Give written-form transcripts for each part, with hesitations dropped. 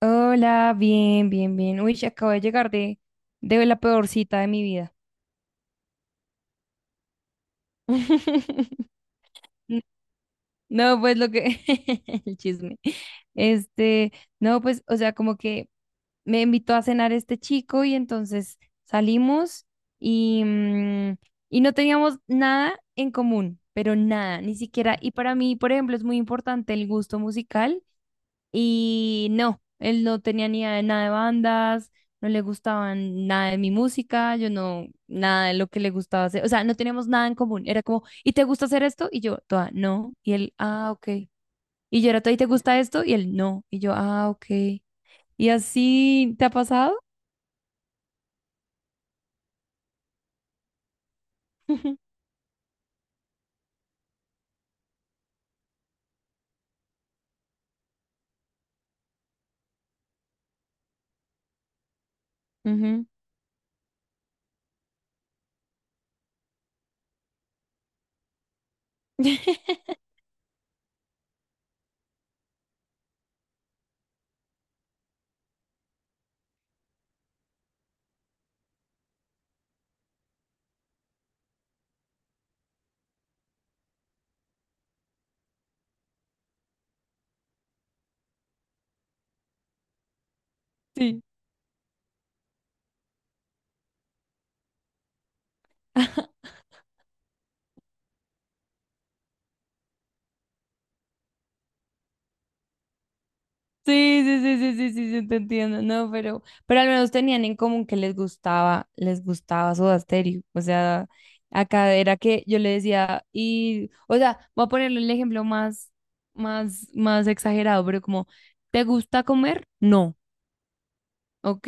Hola, bien, bien, bien. Uy, acabo de llegar de la peor cita de mi vida. N- No, pues lo que... el chisme. Este, no, pues, o sea, como que me invitó a cenar este chico y entonces salimos y, y no teníamos nada en común, pero nada, ni siquiera. Y para mí, por ejemplo, es muy importante el gusto musical. Y no, él no tenía ni idea de nada de bandas, no le gustaban nada de mi música, yo no, nada de lo que le gustaba hacer, o sea, no teníamos nada en común, era como, ¿y te gusta hacer esto? Y yo, toda, no, y él, ah, ok. Y yo era toda, ¿y te gusta esto? Y él, no, y yo, ah, ok. ¿Y así te ha pasado? Ujú. Sí. Sí, sí, sí, sí, sí, sí, sí, te entiendo. No, pero al menos tenían en común que les gustaba Soda Stereo. O sea, acá era que yo le decía, y, o sea, voy a ponerle el ejemplo más, más, más exagerado, pero como, ¿te gusta comer? No. ¿Ok?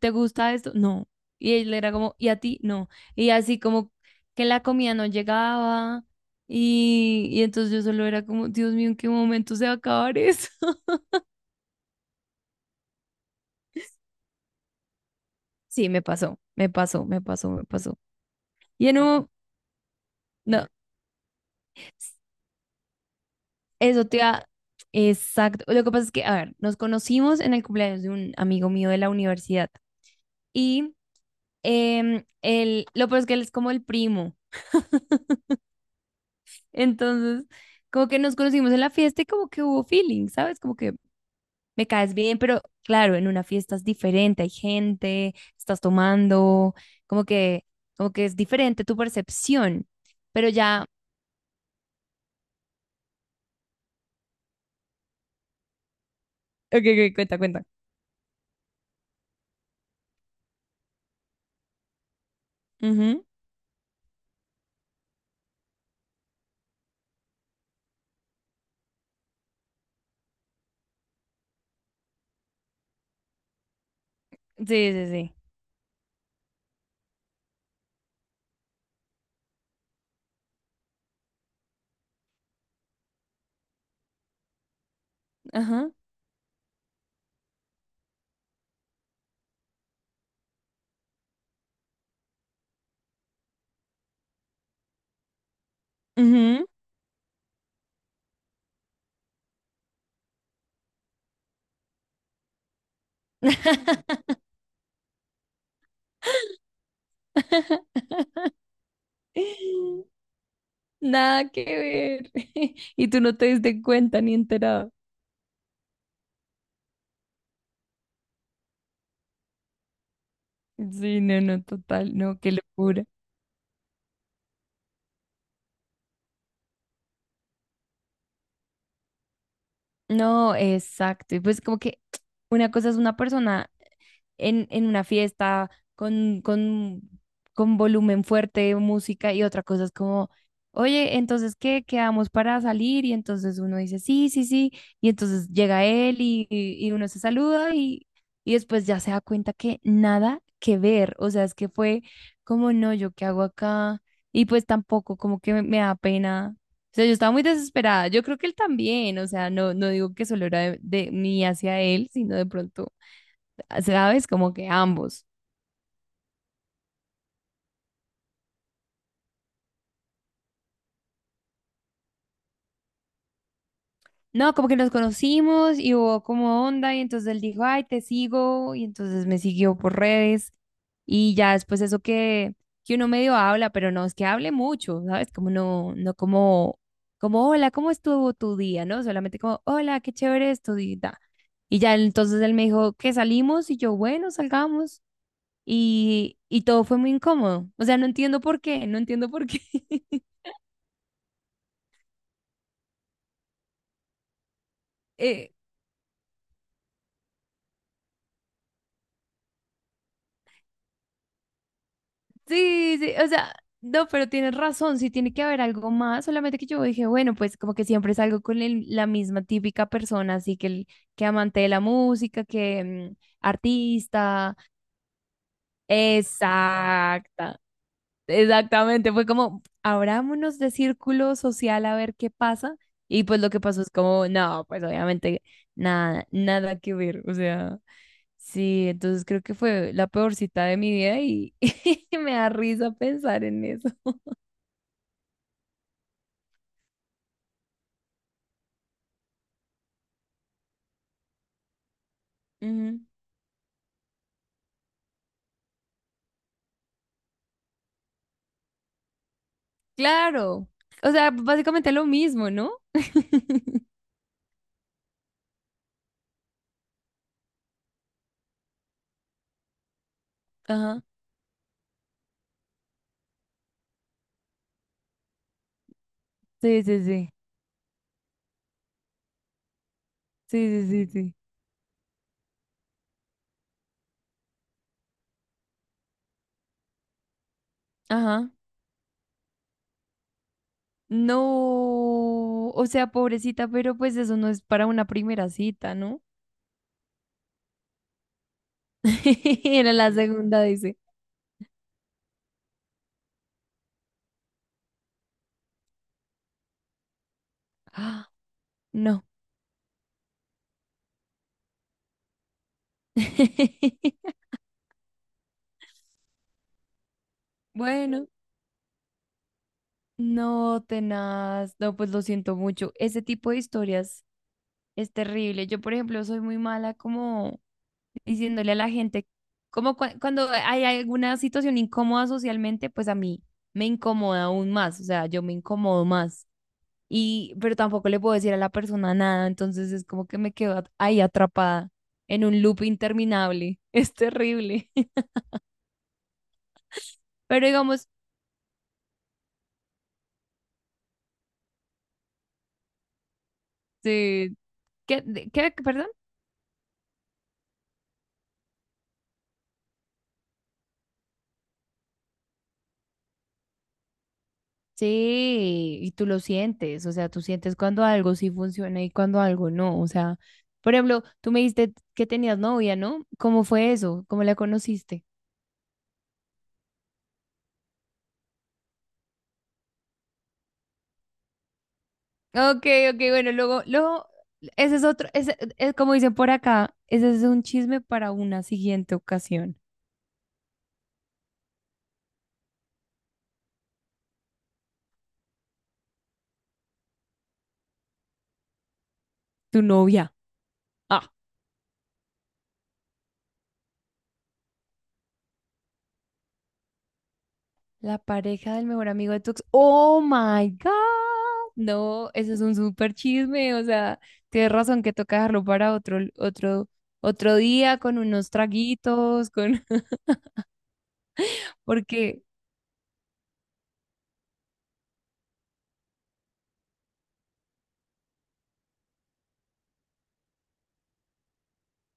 ¿Te gusta esto? No. Y él era como, ¿y a ti? No. Y así como que la comida no llegaba. Y entonces yo solo era como, Dios mío, ¿en qué momento se va a acabar eso? Sí, me pasó, me pasó, me pasó, me pasó. Y en un, no, eso te da, exacto. Lo que pasa es que, a ver, nos conocimos en el cumpleaños de un amigo mío de la universidad y él, lo peor es que él es como el primo. Entonces, como que nos conocimos en la fiesta y como que hubo feeling, ¿sabes? Como que me caes bien, pero claro, en una fiesta es diferente, hay gente, estás tomando, como que, como que es diferente tu percepción, pero ya, ok, ok, cuenta, cuenta. Sí, sí, sí. Ajá. Ujú. Nada que ver. Y tú no te diste cuenta ni enterado. Sí, no, no, total, no, qué locura. No, exacto. Y pues como que una cosa es una persona en una fiesta con, con, con volumen fuerte, música y otra cosa es como, oye, entonces, ¿qué? Quedamos para salir y entonces uno dice, sí, sí, sí, y entonces llega él y, y uno se saluda y después ya se da cuenta que nada que ver, o sea, es que fue como, no, yo qué hago acá y pues tampoco, como que me da pena. O sea, yo estaba muy desesperada. Yo creo que él también, o sea, no, no digo que solo era de mí hacia él, sino de pronto ¿sabes? Como que ambos. No, como que nos conocimos y hubo como onda y entonces él dijo, ay, te sigo y entonces me siguió por redes y ya después eso que uno medio habla, pero no es que hable mucho, ¿sabes? Como no, no como, como, hola, ¿cómo estuvo tu día? ¿No? Solamente como, hola, qué chévere es tu día. Y ya entonces él me dijo que salimos y yo, bueno, salgamos. Y todo fue muy incómodo. O sea, no entiendo por qué, no entiendo por qué. Eh, Sí, sí, o sea, no, pero tienes razón, sí tiene que haber algo más, solamente que yo dije, bueno, pues como que siempre salgo con la misma típica persona, así que, que amante de la música, que artista, exacta, exactamente, fue como, abrámonos de círculo social a ver qué pasa. Y pues lo que pasó es como, no, pues obviamente nada, nada que ver. O sea, sí, entonces creo que fue la peor cita de mi vida y, me da risa pensar en eso. Ujú. Claro. O sea, básicamente lo mismo, ¿no? Ajá. Sí, sí, sí. Sí, sí, sí, sí. Ajá. No, o sea, pobrecita, pero pues eso no es para una primera cita, ¿no? Era la segunda, dice. "Ah, no." Bueno, no, tenaz. No, pues lo siento mucho. Ese tipo de historias es terrible. Yo, por ejemplo, soy muy mala como diciéndole a la gente, como cuando hay alguna situación incómoda socialmente, pues a mí me incomoda aún más. O sea, yo me incomodo más. Y, pero tampoco le puedo decir a la persona nada. Entonces es como que me quedo ahí atrapada en un loop interminable. Es terrible. Pero digamos, sí. ¿Qué, qué, perdón? Sí, y tú lo sientes, o sea, tú sientes cuando algo sí funciona y cuando algo no, o sea, por ejemplo, tú me dijiste que tenías novia, ¿no? ¿Cómo fue eso? ¿Cómo la conociste? Okay, okay, bueno, luego, luego, ese es otro, ese, es como dicen por acá, ese es un chisme para una siguiente ocasión, tu novia. La pareja del mejor amigo de tu ex. ¡Oh my God! No, eso es un súper chisme. O sea, tienes razón que toca dejarlo para otro, otro, otro día con unos traguitos, con. Porque,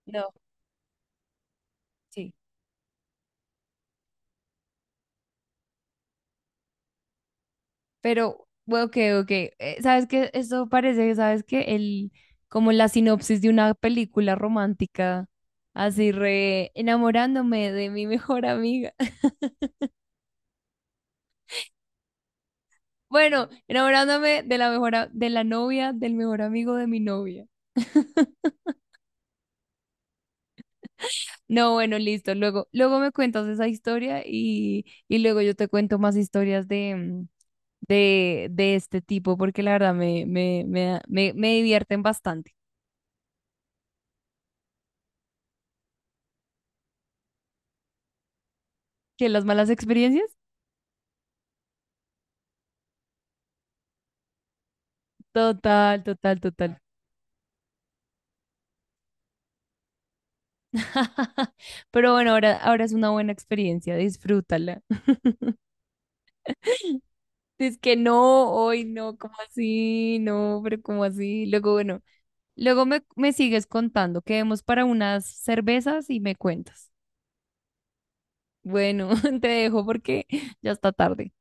no, sí. Pero, bueno, ok, ok. ¿Sabes qué? Eso parece, ¿sabes qué? El, como la sinopsis de una película romántica. Así re enamorándome de mi mejor amiga. Bueno, enamorándome de la mejor, de la novia del mejor amigo de mi novia. No, bueno, listo. Luego, luego me cuentas esa historia y luego yo te cuento más historias de, de este tipo, porque la verdad me, me, me, me, me divierten bastante. ¿Qué, las malas experiencias? Total, total, total. Pero bueno, ahora, ahora es una buena experiencia, disfrútala. Es que no, hoy no, ¿cómo así? No, pero ¿cómo así? Luego, bueno, luego me, me sigues contando, quedemos para unas cervezas y me cuentas. Bueno, te dejo porque ya está tarde.